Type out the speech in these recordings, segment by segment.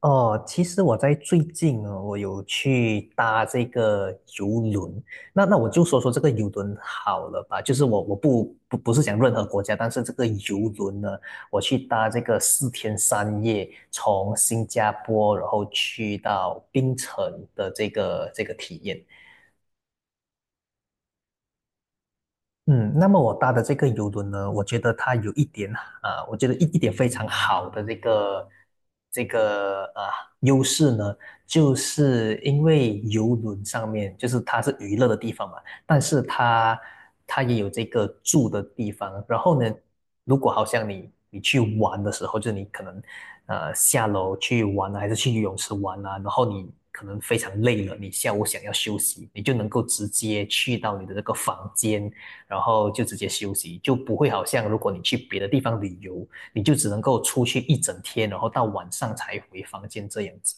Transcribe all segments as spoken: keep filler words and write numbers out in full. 哦，其实我在最近呢，我有去搭这个游轮。那那我就说说这个游轮好了吧，就是我我不不不是讲任何国家，但是这个游轮呢，我去搭这个四天三夜，从新加坡然后去到槟城的这个这个体验。嗯，那么我搭的这个游轮呢，我觉得它有一点啊、我觉得一一点非常好的这个这个啊、优势呢，就是因为游轮上面就是它是娱乐的地方嘛，但是它它也有这个住的地方。然后呢，如果好像你你去玩的时候，就是你可能呃下楼去玩啊，还是去游泳池玩啊，然后你可能非常累了，你下午想要休息，你就能够直接去到你的这个房间。然后就直接休息，就不会好像如果你去别的地方旅游，你就只能够出去一整天，然后到晚上才回房间这样子。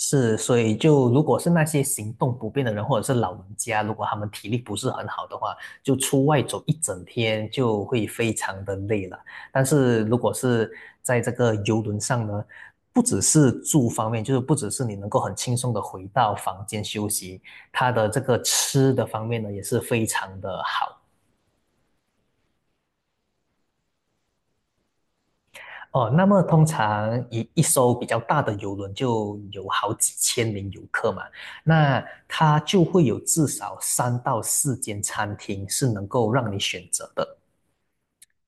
是，所以就如果是那些行动不便的人，或者是老人家，如果他们体力不是很好的话，就出外走一整天就会非常的累了。但是如果是在这个游轮上呢，不只是住方面，就是不只是你能够很轻松的回到房间休息，它的这个吃的方面呢也是非常的好。哦，那么通常一一艘比较大的游轮就有好几千名游客嘛，那它就会有至少三到四间餐厅是能够让你选择的。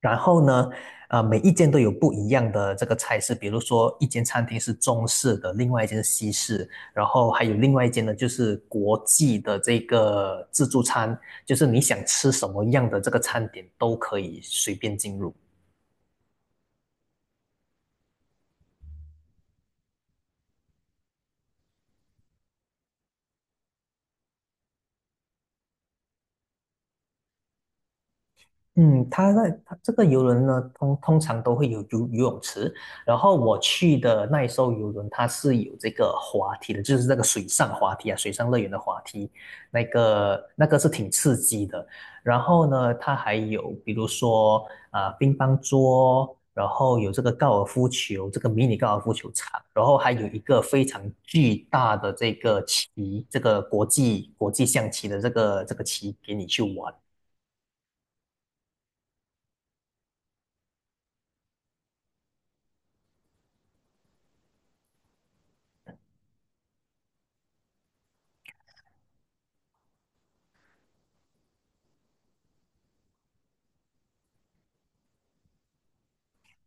然后呢，呃，每一间都有不一样的这个菜式，比如说一间餐厅是中式的，另外一间是西式，然后还有另外一间呢就是国际的这个自助餐，就是你想吃什么样的这个餐点都可以随便进入。嗯，它在它这个游轮呢，通通常都会有游游泳池。然后我去的那一艘游轮，它是有这个滑梯的，就是那个水上滑梯啊，水上乐园的滑梯，那个那个是挺刺激的。然后呢，它还有比如说啊、呃乒乓桌，然后有这个高尔夫球，这个迷你高尔夫球场，然后还有一个非常巨大的这个棋，这个国际国际象棋的这个这个棋给你去玩。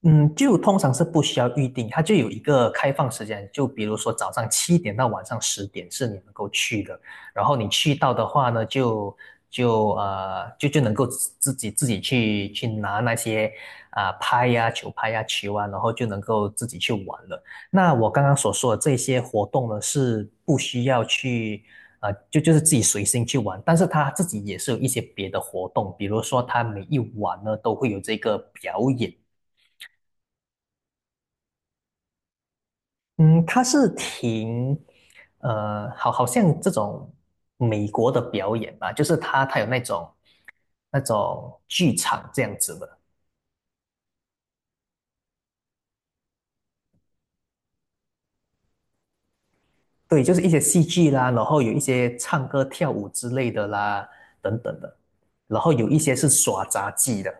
嗯，就通常是不需要预定，它就有一个开放时间，就比如说早上七点到晚上十点是你能够去的，然后你去到的话呢，就就呃就就能够自己自己去去拿那些啊、呃拍呀、球拍呀、球啊，然后就能够自己去玩了。那我刚刚所说的这些活动呢，是不需要去。啊，就就是自己随心去玩，但是他自己也是有一些别的活动，比如说他每一晚呢都会有这个表演，嗯，它是挺，呃，好，好像这种美国的表演吧，就是它它有那种那种剧场这样子的，对，就是一些戏剧啦，然后有一些唱歌跳舞之类的啦，等等的，然后有一些是耍杂技的。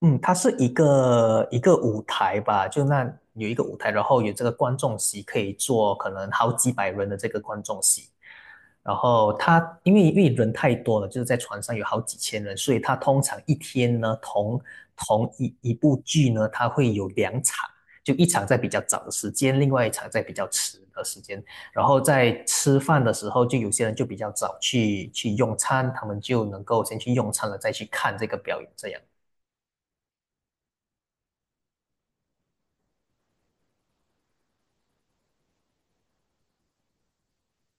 嗯，它是一个一个舞台吧，就那有一个舞台，然后有这个观众席可以坐可能好几百人的这个观众席，然后它因为因为人太多了，就是在船上有好几千人，所以它通常一天呢同同一一部剧呢，它会有两场，就一场在比较早的时间，另外一场在比较迟的时间，然后在吃饭的时候，就有些人就比较早去去用餐，他们就能够先去用餐了，再去看这个表演这样。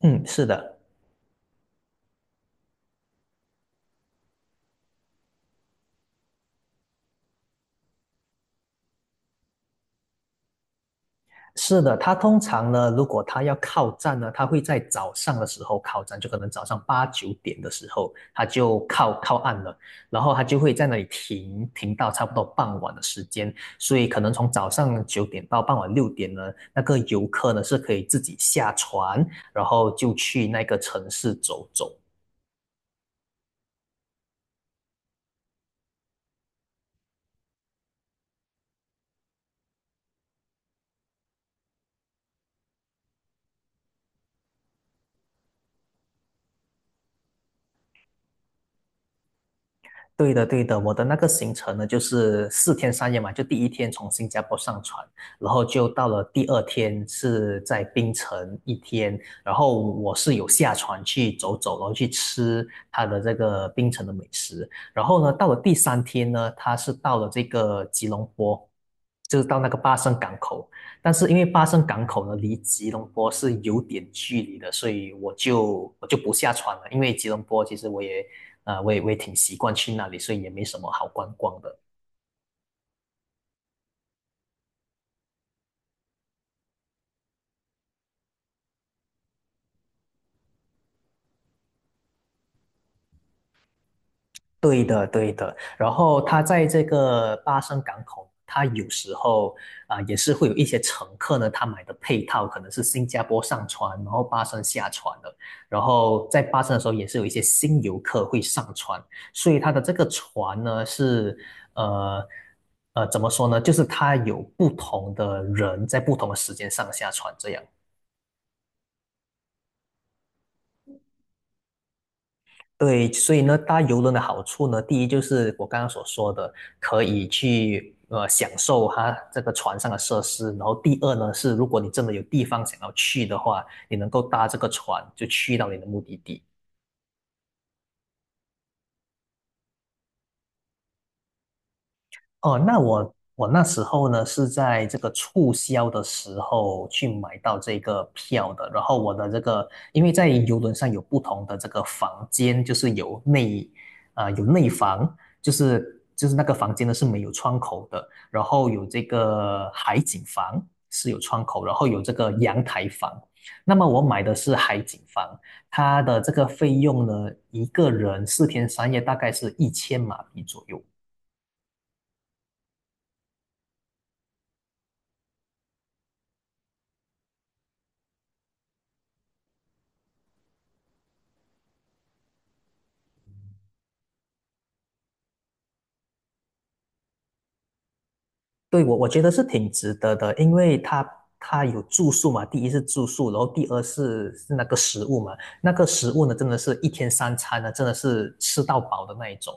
嗯，是的，是的。它通常呢，如果它要靠站呢，它会在早上的时候靠站，就可能早上八九点的时候，它就靠靠岸了，然后它就会在那里停停到差不多傍晚的时间。所以可能从早上九点到傍晚六点呢，那个游客呢是可以自己下船，然后就去那个城市走走。对的，对的，我的那个行程呢，就是四天三夜嘛，就第一天从新加坡上船，然后就到了第二天是在槟城一天，然后我是有下船去走走，然后去吃它的这个槟城的美食，然后呢，到了第三天呢，它是到了这个吉隆坡，就是到那个巴生港口，但是因为巴生港口呢离吉隆坡是有点距离的，所以我就我就不下船了，因为吉隆坡其实我也啊，我也我也挺习惯去那里，所以也没什么好观光的。对的，对的。然后它在这个巴生港口，它有时候啊、也是会有一些乘客呢，他买的配套可能是新加坡上船，然后巴生下船的。然后在巴生的时候，也是有一些新游客会上船，所以它的这个船呢是呃。呃，怎么说呢？就是它有不同的人在不同的时间上下船这样。对，所以呢，搭游轮的好处呢，第一就是我刚刚所说的，可以去呃享受它这个船上的设施。然后第二呢是，如果你真的有地方想要去的话，你能够搭这个船就去到你的目的地。哦，那我我那时候呢是在这个促销的时候去买到这个票的，然后我的这个因为在游轮上有不同的这个房间，就是有内啊、有内房，就是就是那个房间呢是没有窗口的，然后有这个海景房是有窗口，然后有这个阳台房。那么我买的是海景房，它的这个费用呢，一个人四天三夜大概是一千马币左右。对，我我觉得是挺值得的，因为它它有住宿嘛，第一是住宿，然后第二是是那个食物嘛，那个食物呢，真的是一天三餐呢，真的是吃到饱的那一种。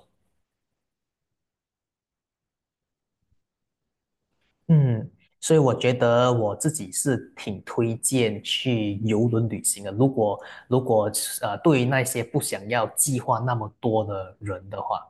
嗯，所以我觉得我自己是挺推荐去游轮旅行的。如果如果呃，对于那些不想要计划那么多的人的话。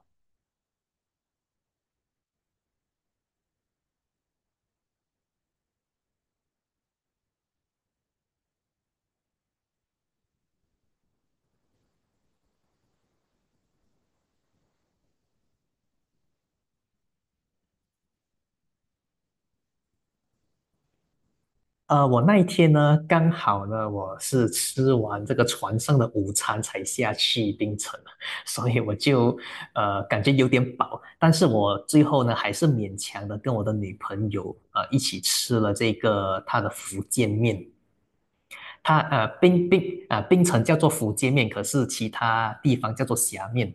呃，我那一天呢，刚好呢，我是吃完这个船上的午餐才下去槟城的 所以我就呃感觉有点饱，但是我最后呢，还是勉强的跟我的女朋友呃一起吃了这个她的福建面，她呃冰冰啊冰城叫做福建面，可是其他地方叫做虾面。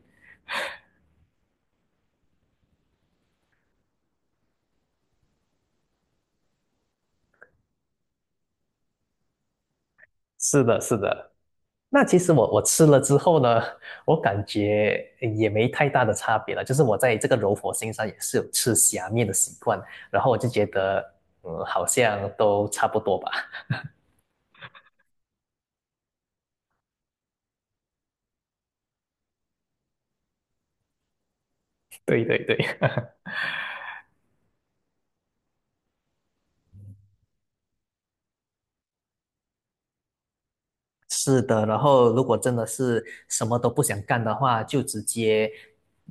是的，是的。那其实我我吃了之后呢，我感觉呃也没太大的差别了。就是我在这个柔佛新上也是有吃虾面的习惯，然后我就觉得，嗯，好像都差不多吧。对对对，是的，然后如果真的是什么都不想干的话，就直接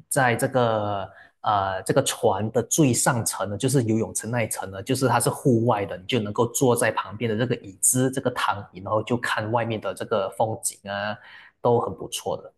在这个呃这个船的最上层呢，就是游泳池那一层呢，就是它是户外的，你就能够坐在旁边的这个椅子、这个躺椅，然后就看外面的这个风景啊，都很不错的。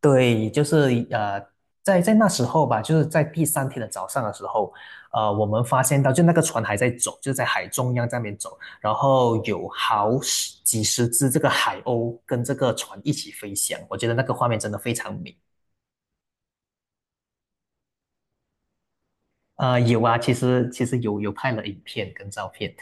对，就是呃，在在那时候吧，就是在第三天的早上的时候，呃，我们发现到就那个船还在走，就在海中央在那边走，然后有好十几十只这个海鸥跟这个船一起飞翔，我觉得那个画面真的非常美。呃，有啊，其实其实有有拍了影片跟照片，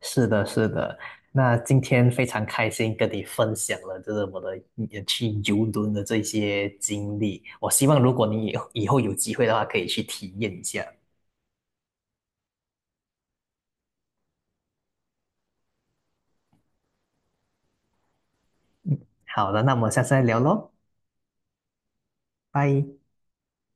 是的，是的。那今天非常开心跟你分享了，就是我的也去游轮的这些经历。我希望如果你以以后有机会的话，可以去体验一下。好的，那我们下次再聊喽，拜。